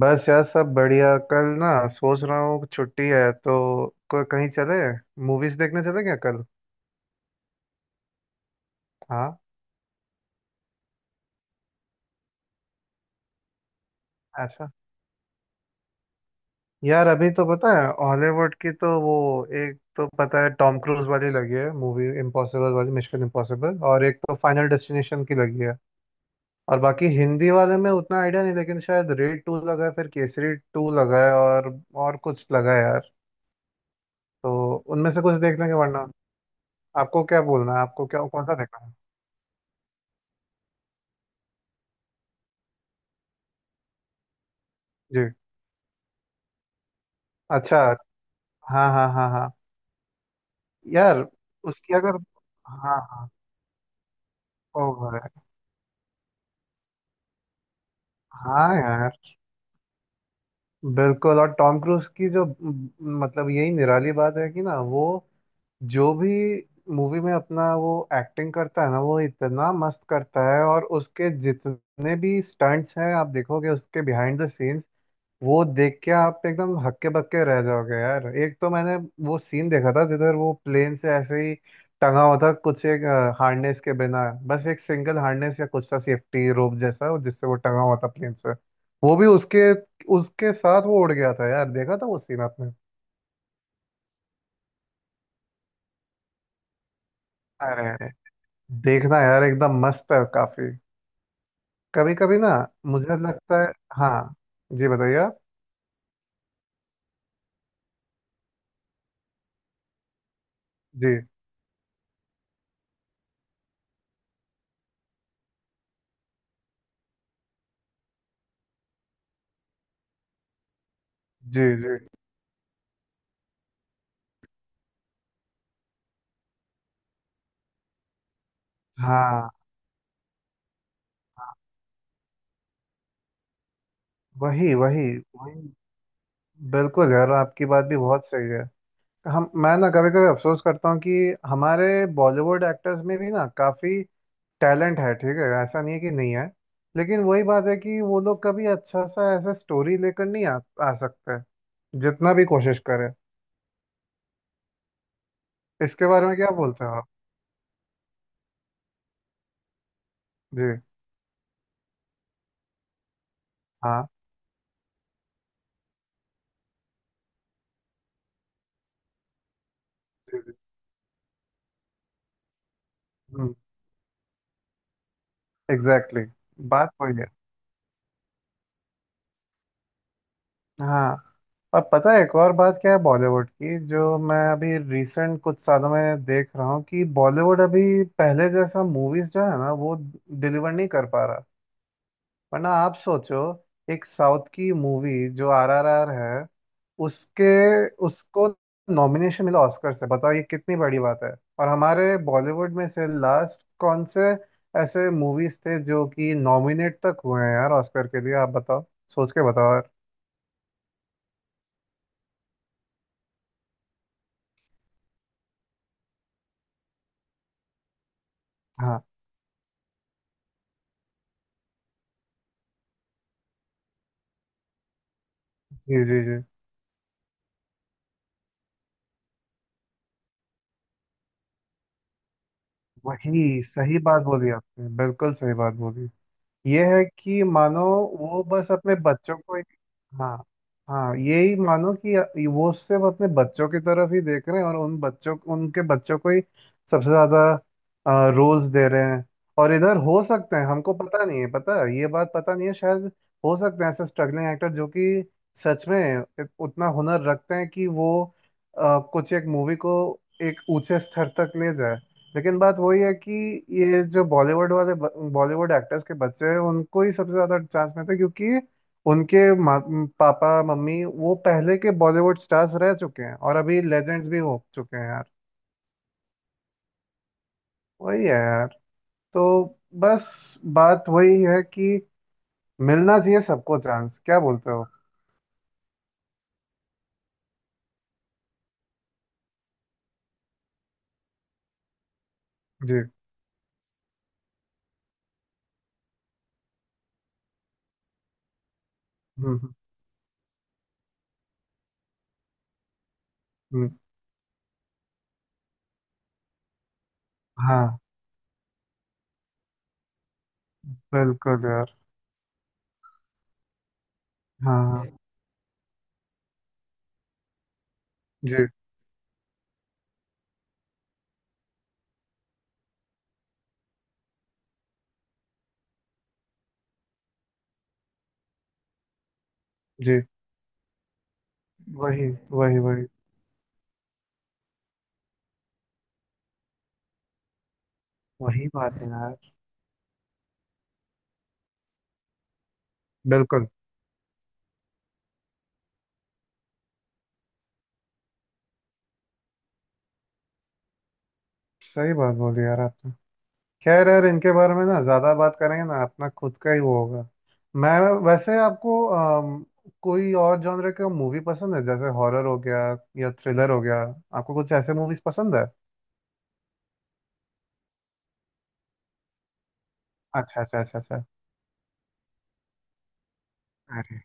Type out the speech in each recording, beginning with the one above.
बस यार सब बढ़िया। कल ना सोच रहा हूँ छुट्टी है तो कहीं चले, मूवीज देखने चले क्या कल? हाँ। अच्छा, यार अभी तो पता है हॉलीवुड की तो वो, एक तो पता है टॉम क्रूज वाली लगी है मूवी, इम्पॉसिबल वाली, मिशन इम्पॉसिबल, और एक तो फाइनल डेस्टिनेशन की लगी है। और बाकी हिंदी वाले में उतना आइडिया नहीं, लेकिन शायद रेड टू लगा है, फिर केसरी टू लगा है और कुछ लगा है यार। तो उनमें से कुछ देख लेंगे, वरना आपको क्या बोलना है, आपको क्या कौन सा देखना है? जी। अच्छा। हाँ हाँ हाँ हाँ। यार उसकी अगर, हाँ हाँ ओवर है। हाँ यार बिल्कुल। और टॉम क्रूज की जो मतलब यही निराली बात है कि ना वो जो भी मूवी में अपना वो एक्टिंग करता है ना, वो इतना मस्त करता है, और उसके जितने भी स्टंट्स हैं आप देखोगे उसके बिहाइंड द सीन्स, वो देख के आप एकदम हक्के बक्के रह जाओगे यार। एक तो मैंने वो सीन देखा था जिधर वो प्लेन से ऐसे ही टंगा हुआ था, कुछ एक हार्नेस के बिना, बस एक सिंगल हार्नेस या कुछ था सेफ्टी रोप जैसा, जिससे वो टंगा हुआ था प्लेन से। वो भी उसके उसके साथ वो उड़ गया था यार। देखा था वो सीन आपने? अरे अरे, देखना यार, एकदम मस्त है काफी। कभी कभी ना मुझे लगता है। हाँ जी, बताइए आप। जी जी जी। हाँ हाँ, वही वही वही। बिल्कुल यार, आपकी बात भी बहुत सही है। हम, मैं ना कभी कभी अफसोस करता हूँ कि हमारे बॉलीवुड एक्टर्स में भी ना काफ़ी टैलेंट है, ठीक है, ऐसा नहीं है कि नहीं है, लेकिन वही बात है कि वो लोग कभी अच्छा सा ऐसा स्टोरी लेकर नहीं आ सकते जितना भी कोशिश करें। इसके बारे में क्या बोलते हो आप? जी। हाँ। जी जी एग्जैक्टली। बात वही है। हाँ। और पता है एक और बात क्या है बॉलीवुड की, जो मैं अभी रिसेंट कुछ सालों में देख रहा हूँ कि बॉलीवुड अभी पहले जैसा मूवीज जो है ना वो डिलीवर नहीं कर पा रहा। वरना आप सोचो, एक साउथ की मूवी जो आरआरआर है उसके उसको नॉमिनेशन मिला ऑस्कर से, बताओ ये कितनी बड़ी बात है। और हमारे बॉलीवुड में से लास्ट कौन से ऐसे मूवीज थे जो कि नॉमिनेट तक हुए हैं यार ऑस्कर के लिए, आप बताओ, सोच के बताओ यार। हाँ। जी जी जी, वही, सही बात बोली आपने, बिल्कुल सही बात बोली। ये है कि मानो वो बस अपने बच्चों को एक, हाँ हाँ यही मानो कि वो सिर्फ अपने बच्चों की तरफ ही देख रहे हैं, और उन बच्चों उनके बच्चों को ही सबसे ज्यादा रोल्स दे रहे हैं। और इधर हो सकते हैं, हमको पता नहीं है, पता है, ये बात पता नहीं है, शायद हो सकते हैं ऐसे स्ट्रगलिंग एक्टर जो कि सच में उतना हुनर रखते हैं कि वो कुछ एक मूवी को एक ऊंचे स्तर तक ले जाए, लेकिन बात वही है कि ये जो बॉलीवुड वाले बॉलीवुड एक्टर्स के बच्चे हैं उनको ही सबसे ज्यादा चांस मिलता है, क्योंकि उनके मा- पापा मम्मी वो पहले के बॉलीवुड स्टार्स रह चुके हैं और अभी लेजेंड्स भी हो चुके हैं यार। वही है यार। तो बस बात वही है कि मिलना चाहिए सबको चांस, क्या बोलते हो? जी। हम्म हम्म, हम्म, हाँ बिल्कुल यार। हाँ हाँ। जी जी। वही वही वही। वही बात है यार। बिल्कुल सही बात बोली यार आपने। खैर यार इनके बारे में ना ज्यादा बात करेंगे ना अपना खुद का ही वो होगा। मैं, वैसे आपको कोई और जॉनर का मूवी पसंद है, जैसे हॉरर हो गया या थ्रिलर हो गया, आपको कुछ ऐसे मूवीज पसंद है? अच्छा अच्छा अच्छा अच्छा। अरे,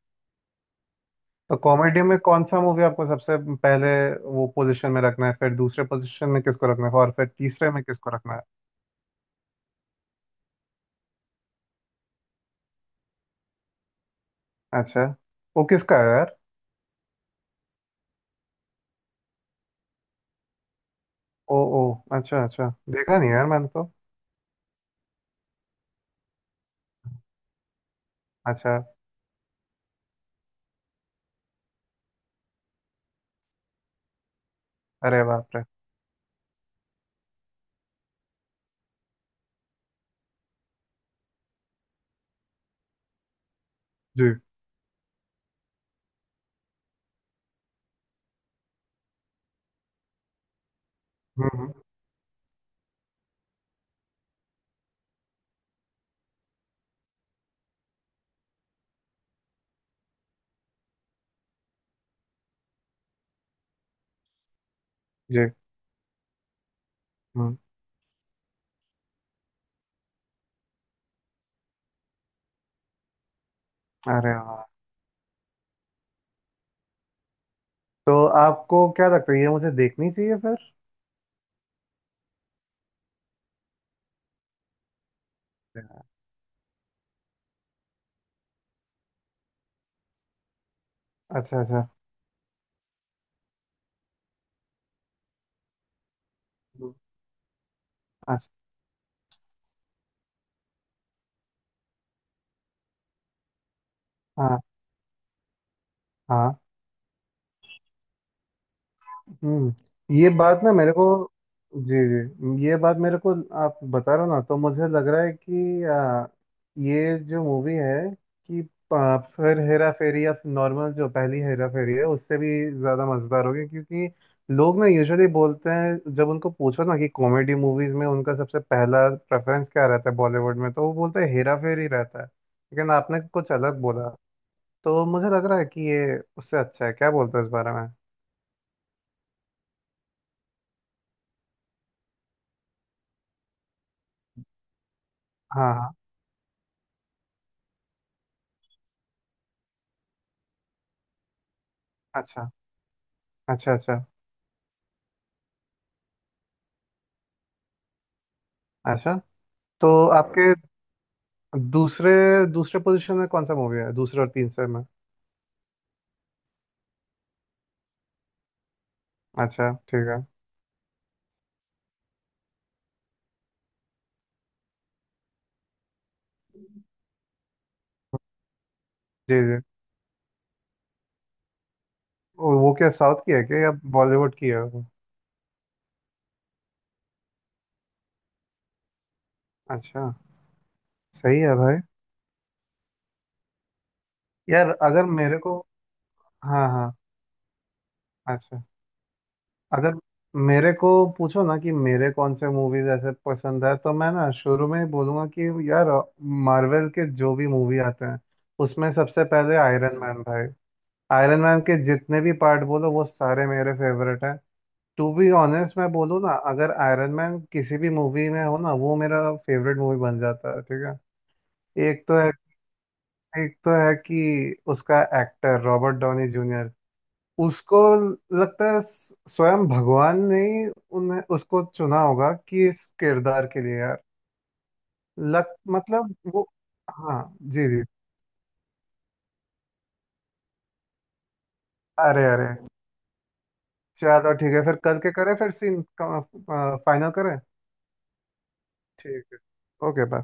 तो कॉमेडी में कौन सा मूवी आपको सबसे पहले वो पोजीशन में रखना है, फिर दूसरे पोजीशन में किसको रखना है, और फिर तीसरे में किसको रखना है? अच्छा, वो किसका है यार? ओ ओ, अच्छा अच्छा, देखा नहीं यार मैंने तो। अच्छा। अरे बाप रे। जी। हम्म हम्म, जी। हम्म। अरे वाह। तो आपको क्या लगता है ये मुझे देखनी चाहिए फिर? अच्छा अच्छा अच्छा। हाँ। हाँ। हम्म। ये बात ना मेरे को, जी जी ये बात मेरे को आप बता रहे हो ना तो मुझे लग रहा है कि ये जो मूवी है कि फिर हेरा फेरी या नॉर्मल जो पहली हेरा फेरी है उससे भी ज़्यादा मज़ेदार होगी, क्योंकि लोग ना यूजुअली बोलते हैं जब उनको पूछो ना कि कॉमेडी मूवीज़ में उनका सबसे पहला प्रेफरेंस क्या रहता है बॉलीवुड में, तो वो बोलते हैं हेरा फेरी रहता है, लेकिन आपने कुछ अलग बोला। तो मुझे लग रहा है कि ये उससे अच्छा है, क्या बोलते हो इस बारे में? हाँ हाँ। अच्छा अच्छा अच्छा अच्छा। तो हाँ, आपके दूसरे दूसरे पोजीशन में कौन सा मूवी है, दूसरे और तीसरे में? अच्छा ठीक है। जी जी। वो क्या साउथ की है क्या या बॉलीवुड की है वो? अच्छा। सही है भाई। यार अगर मेरे को, हाँ हाँ। अच्छा। अगर मेरे को पूछो ना कि मेरे कौन से मूवीज ऐसे पसंद है, तो मैं ना शुरू में ही बोलूंगा कि यार मार्वल के जो भी मूवी आते हैं उसमें सबसे पहले आयरन मैन भाई। आयरन मैन के जितने भी पार्ट बोलो वो सारे मेरे फेवरेट हैं। टू बी ऑनेस्ट मैं बोलूँ ना, अगर आयरन मैन किसी भी मूवी में हो ना वो मेरा फेवरेट मूवी बन जाता है। ठीक है। एक तो है, एक तो है कि उसका एक्टर रॉबर्ट डॉनी जूनियर, उसको लगता है स्वयं भगवान ने ही उन्हें उसको चुना होगा कि इस किरदार के लिए यार। लग मतलब वो, हाँ जी जी। अरे अरे, चलो ठीक है, फिर कल के करें, फिर सीन फाइनल करें। ठीक है। Okay bye.